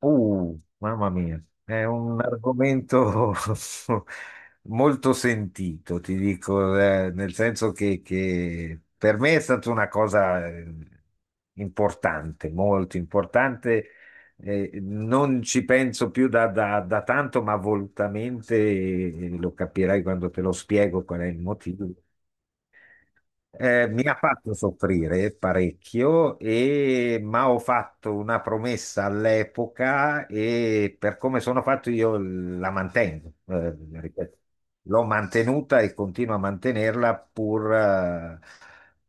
Mamma mia, è un argomento molto sentito, ti dico, nel senso che per me è stata una cosa importante, molto importante. Non ci penso più da tanto, ma volutamente, lo capirai quando te lo spiego qual è il motivo. Mi ha fatto soffrire parecchio, ma ho fatto una promessa all'epoca e per come sono fatto io la mantengo. Ripeto, l'ho mantenuta e continuo a mantenerla pur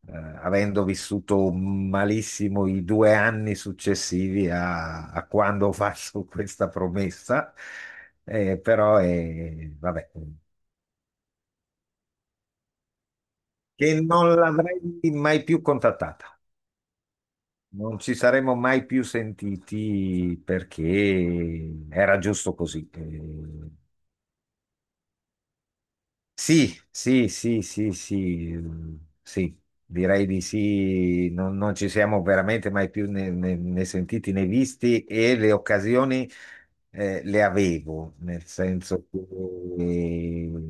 eh, avendo vissuto malissimo i 2 anni successivi a quando ho fatto questa promessa. Però, vabbè, che non l'avrei mai più contattata. Non ci saremmo mai più sentiti perché era giusto così. Sì, sì, sì, sì, sì, mm, sì, direi di sì, non ci siamo veramente mai più né sentiti né visti e le occasioni le avevo, nel senso che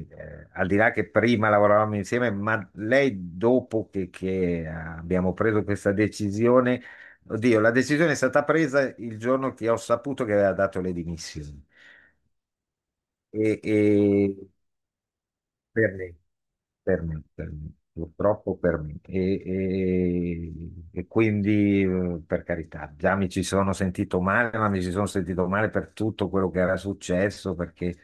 al di là che prima lavoravamo insieme, ma lei dopo che abbiamo preso questa decisione, oddio, la decisione è stata presa il giorno che ho saputo che aveva dato le dimissioni. E, per me, per me, per me, purtroppo per me. E quindi, per carità, già mi ci sono sentito male, ma mi ci sono sentito male per tutto quello che era successo, perché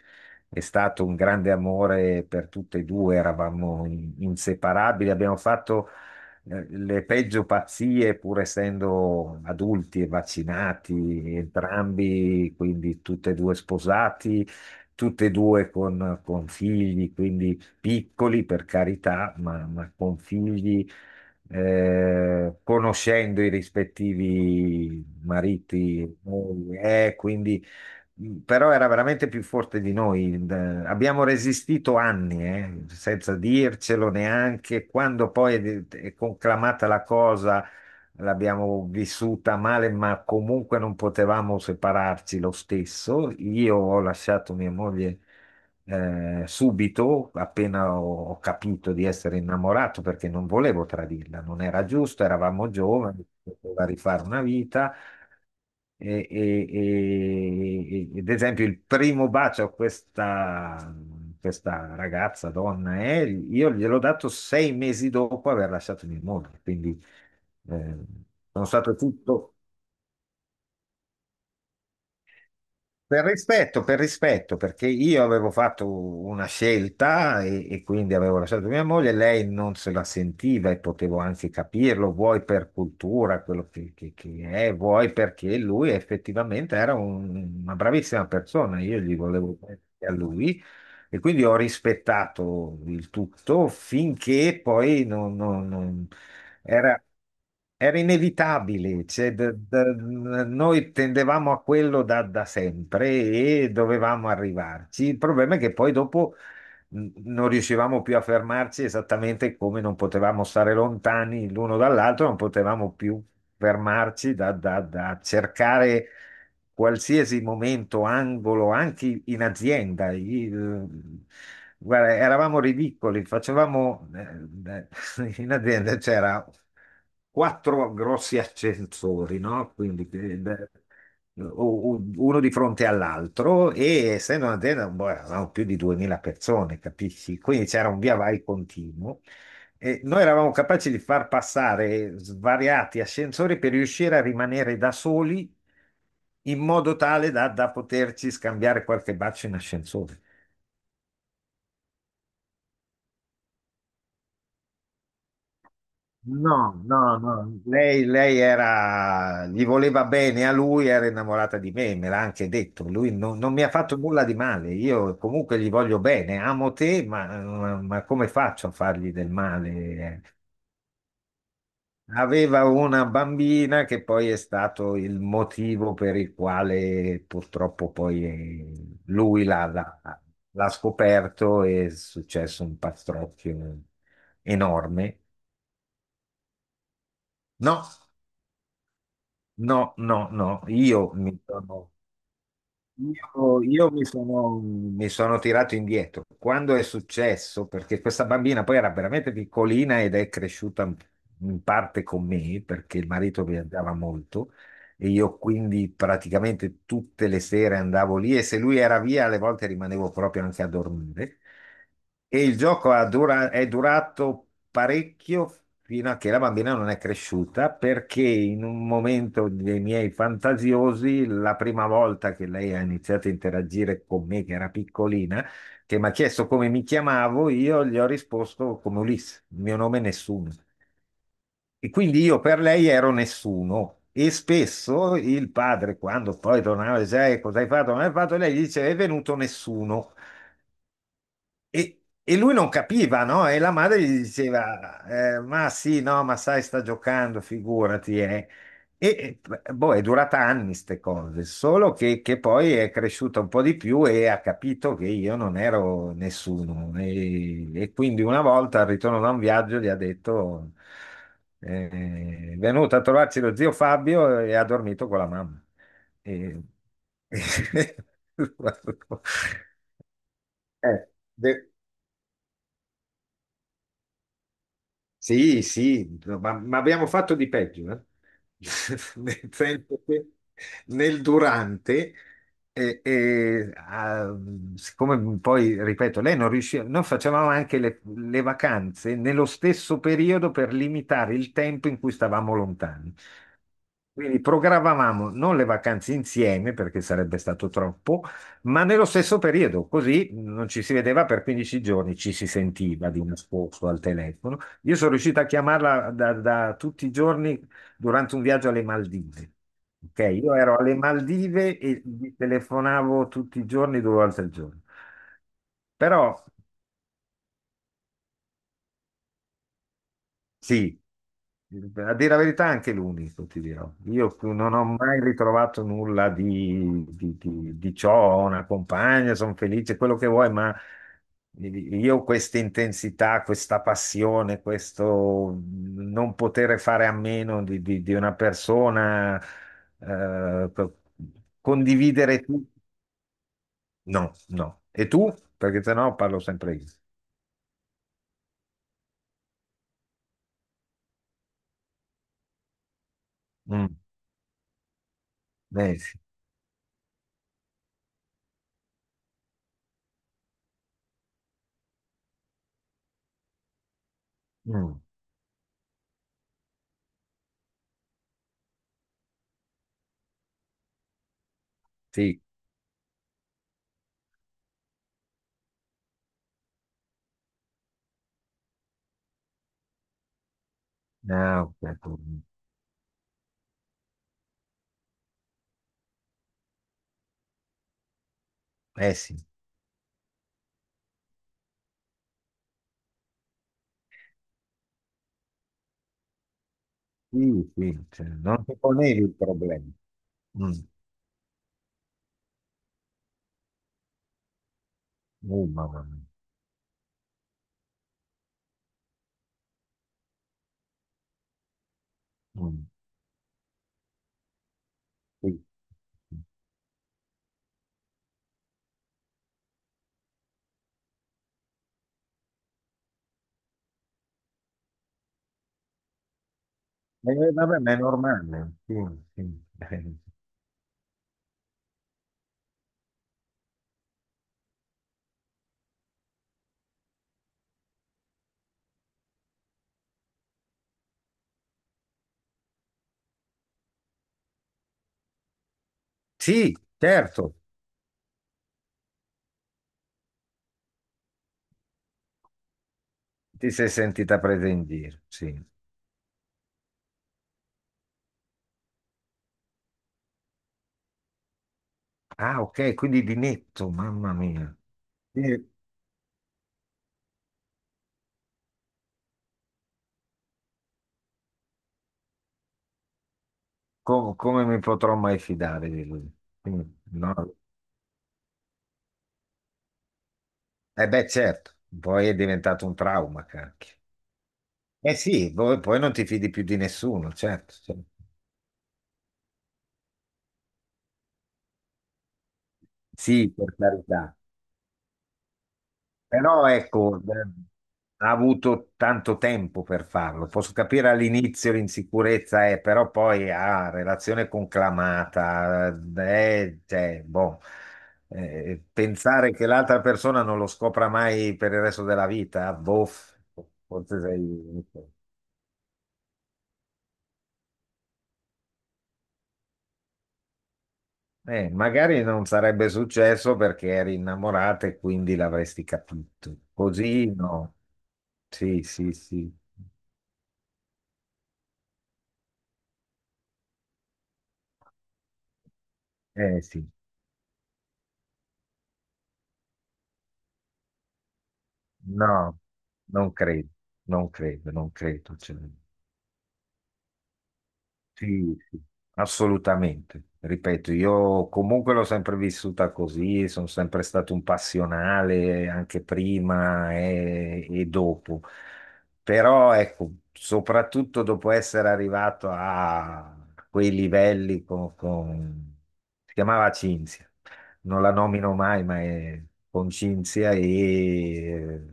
è stato un grande amore per tutte e due, eravamo inseparabili, abbiamo fatto le peggio pazzie, pur essendo adulti e vaccinati entrambi, quindi tutte e due sposati, tutte e due con figli, quindi piccoli per carità, ma con figli, conoscendo i rispettivi mariti e mogli, quindi però era veramente più forte di noi. Abbiamo resistito anni, senza dircelo neanche. Quando poi è conclamata la cosa, l'abbiamo vissuta male, ma comunque non potevamo separarci lo stesso. Io ho lasciato mia moglie subito, appena ho capito di essere innamorato, perché non volevo tradirla, non era giusto, eravamo giovani, poteva rifare una vita. Ed esempio, il primo bacio a questa ragazza, donna, io gliel'ho dato 6 mesi dopo aver lasciato mia moglie, quindi eh, sono stato tutto. Per rispetto, perché io avevo fatto una scelta e quindi avevo lasciato mia moglie, lei non se la sentiva e potevo anche capirlo, vuoi per cultura, quello che è, vuoi perché lui effettivamente era una bravissima persona, io gli volevo bene a lui e quindi ho rispettato il tutto finché poi non era, era inevitabile, cioè, noi tendevamo a quello da sempre e dovevamo arrivarci. Il problema è che poi dopo non riuscivamo più a fermarci esattamente come non potevamo stare lontani l'uno dall'altro, non potevamo più fermarci da cercare qualsiasi momento, angolo, anche in azienda. Guarda, eravamo ridicoli, facevamo in azienda c'era quattro grossi ascensori, no? Quindi uno di fronte all'altro e essendo un'azienda boh, eravamo più di 2000 persone, capisci? Quindi c'era un via vai continuo. E noi eravamo capaci di far passare svariati ascensori per riuscire a rimanere da soli in modo tale da poterci scambiare qualche bacio in ascensore. No, no, no, lei era, gli voleva bene a lui, era innamorata di me, me l'ha anche detto, lui non mi ha fatto nulla di male, io comunque gli voglio bene, amo te, ma come faccio a fargli del male? Aveva una bambina che poi è stato il motivo per il quale purtroppo poi lui l'ha scoperto e è successo un pastrocchio enorme. No, no, no, no, io mi sono tirato indietro. Quando è successo, perché questa bambina poi era veramente piccolina ed è cresciuta in parte con me, perché il marito viaggiava molto, e io quindi praticamente tutte le sere andavo lì e se lui era via, alle volte rimanevo proprio anche a dormire. E il gioco è durato parecchio fino a che la bambina non è cresciuta, perché in un momento dei miei fantasiosi, la prima volta che lei ha iniziato a interagire con me, che era piccolina, che mi ha chiesto come mi chiamavo, io gli ho risposto come Ulisse: il mio nome è nessuno. E quindi io per lei ero nessuno e spesso il padre, quando poi tornava, diceva, cosa hai fatto? Non hai fatto?" Lei gli diceva, è venuto nessuno. E lui non capiva, no? E la madre gli diceva, "Eh, ma sì, no, ma sai, sta giocando, figurati, eh." E, boh, è durata anni queste cose, solo che poi è cresciuta un po' di più e ha capito che io non ero nessuno. E quindi una volta al ritorno da un viaggio gli ha detto, è venuto a trovarci lo zio Fabio e ha dormito con la mamma. E- Eh, de- Sì, sì, no, ma abbiamo fatto di peggio, eh. Nel senso che nel durante, eh, eh, ah, siccome poi, ripeto, lei non riusciva, noi facevamo anche le vacanze nello stesso periodo per limitare il tempo in cui stavamo lontani. Quindi programmavamo non le vacanze insieme perché sarebbe stato troppo, ma nello stesso periodo, così non ci si vedeva per 15 giorni, ci si sentiva di nascosto al telefono. Io sono riuscito a chiamarla da tutti i giorni durante un viaggio alle Maldive. Ok, io ero alle Maldive e gli telefonavo tutti i giorni, due volte al giorno. Però Sì, a dire la verità anche l'unico, ti dirò. Io non ho mai ritrovato nulla di ciò, ho una compagna, sono felice, quello che vuoi, ma io questa intensità, questa passione, questo non poter fare a meno di una persona, eh, co- condividere tutto, no, no. E tu? Perché sennò parlo sempre io. Mm, eh sì. Mm, sì. Ah, ok. Eh sì, sì, sì, cioè, non ti ponevi il problema. Mm, oh, mamma mia. Mm, sì. Vabbè, ma è normale. Sì, sì. Sì, certo, ti sei sentita presa in giro. Sì. Ah, ok, quindi di netto, mamma mia. Sì, come mi potrò mai fidare di lui? Mm, no. Eh beh, certo, poi è diventato un trauma, cacchio. Eh sì, poi non ti fidi più di nessuno, certo. Certo. Sì, per carità. Però ecco, ha avuto tanto tempo per farlo. Posso capire all'inizio l'insicurezza, però poi ha relazione conclamata. Cioè, boh, pensare che l'altra persona non lo scopra mai per il resto della vita, boh, forse sei... Magari non sarebbe successo perché eri innamorata e quindi l'avresti capito. Così no. Sì, sì, sì. Sì. No, non credo, non credo, non credo. Cioè, sì, sì, assolutamente. Ripeto, io comunque l'ho sempre vissuta così, sono sempre stato un passionale anche prima e dopo. Però ecco, soprattutto dopo essere arrivato a quei livelli con... Si chiamava Cinzia, non la nomino mai, ma è con Cinzia e...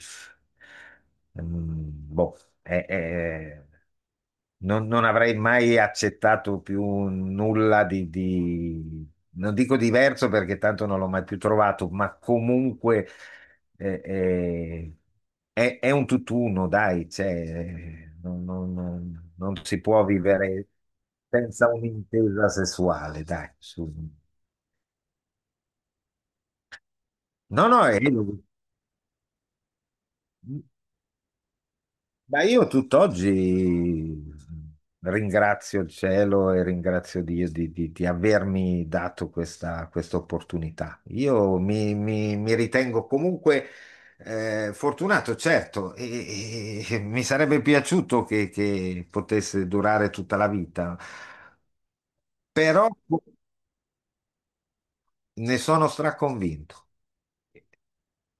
eh, mm, boh, è- è- non avrei mai accettato più nulla non dico diverso perché tanto non l'ho mai più trovato, ma comunque eh, eh, è un tutt'uno, dai, cioè, non si può vivere senza un'intesa sessuale, dai. No, no, ma io tutt'oggi ringrazio il cielo e ringrazio Dio di avermi dato questa opportunità. Io mi ritengo comunque fortunato, certo, e mi sarebbe piaciuto che potesse durare tutta la vita, però ne sono straconvinto.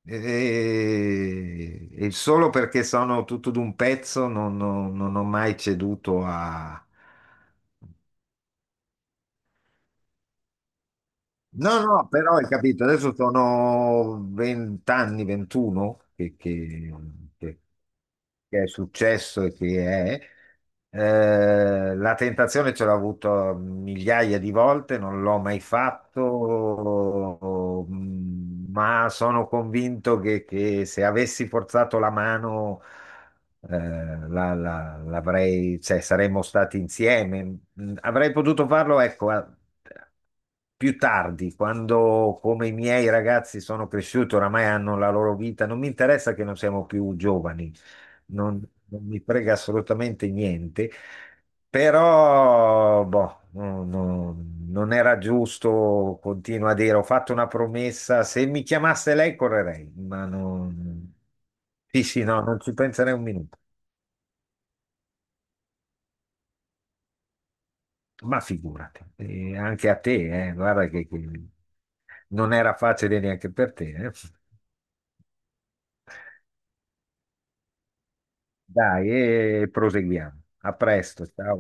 E solo perché sono tutto d'un pezzo non ho mai ceduto a... No, no, però hai capito, adesso sono 20 anni, 21 che- che è successo e che è. La tentazione ce l'ho avuto migliaia di volte, non l'ho mai fatto, ma sono convinto che se avessi forzato la mano, l'avrei, cioè, saremmo stati insieme. Mm, avrei potuto farlo, ecco, più tardi, quando come i miei ragazzi sono cresciuti, oramai hanno la loro vita, non mi interessa che non siamo più giovani, non mi frega assolutamente niente, però boh, non era giusto, continuo a dire, ho fatto una promessa, se mi chiamasse lei correrei, ma non... Sì, sì, no, non ci penserei un minuto. Ma figurati, anche a te, guarda che non era facile neanche per te, eh. Dai, e proseguiamo. A presto, ciao.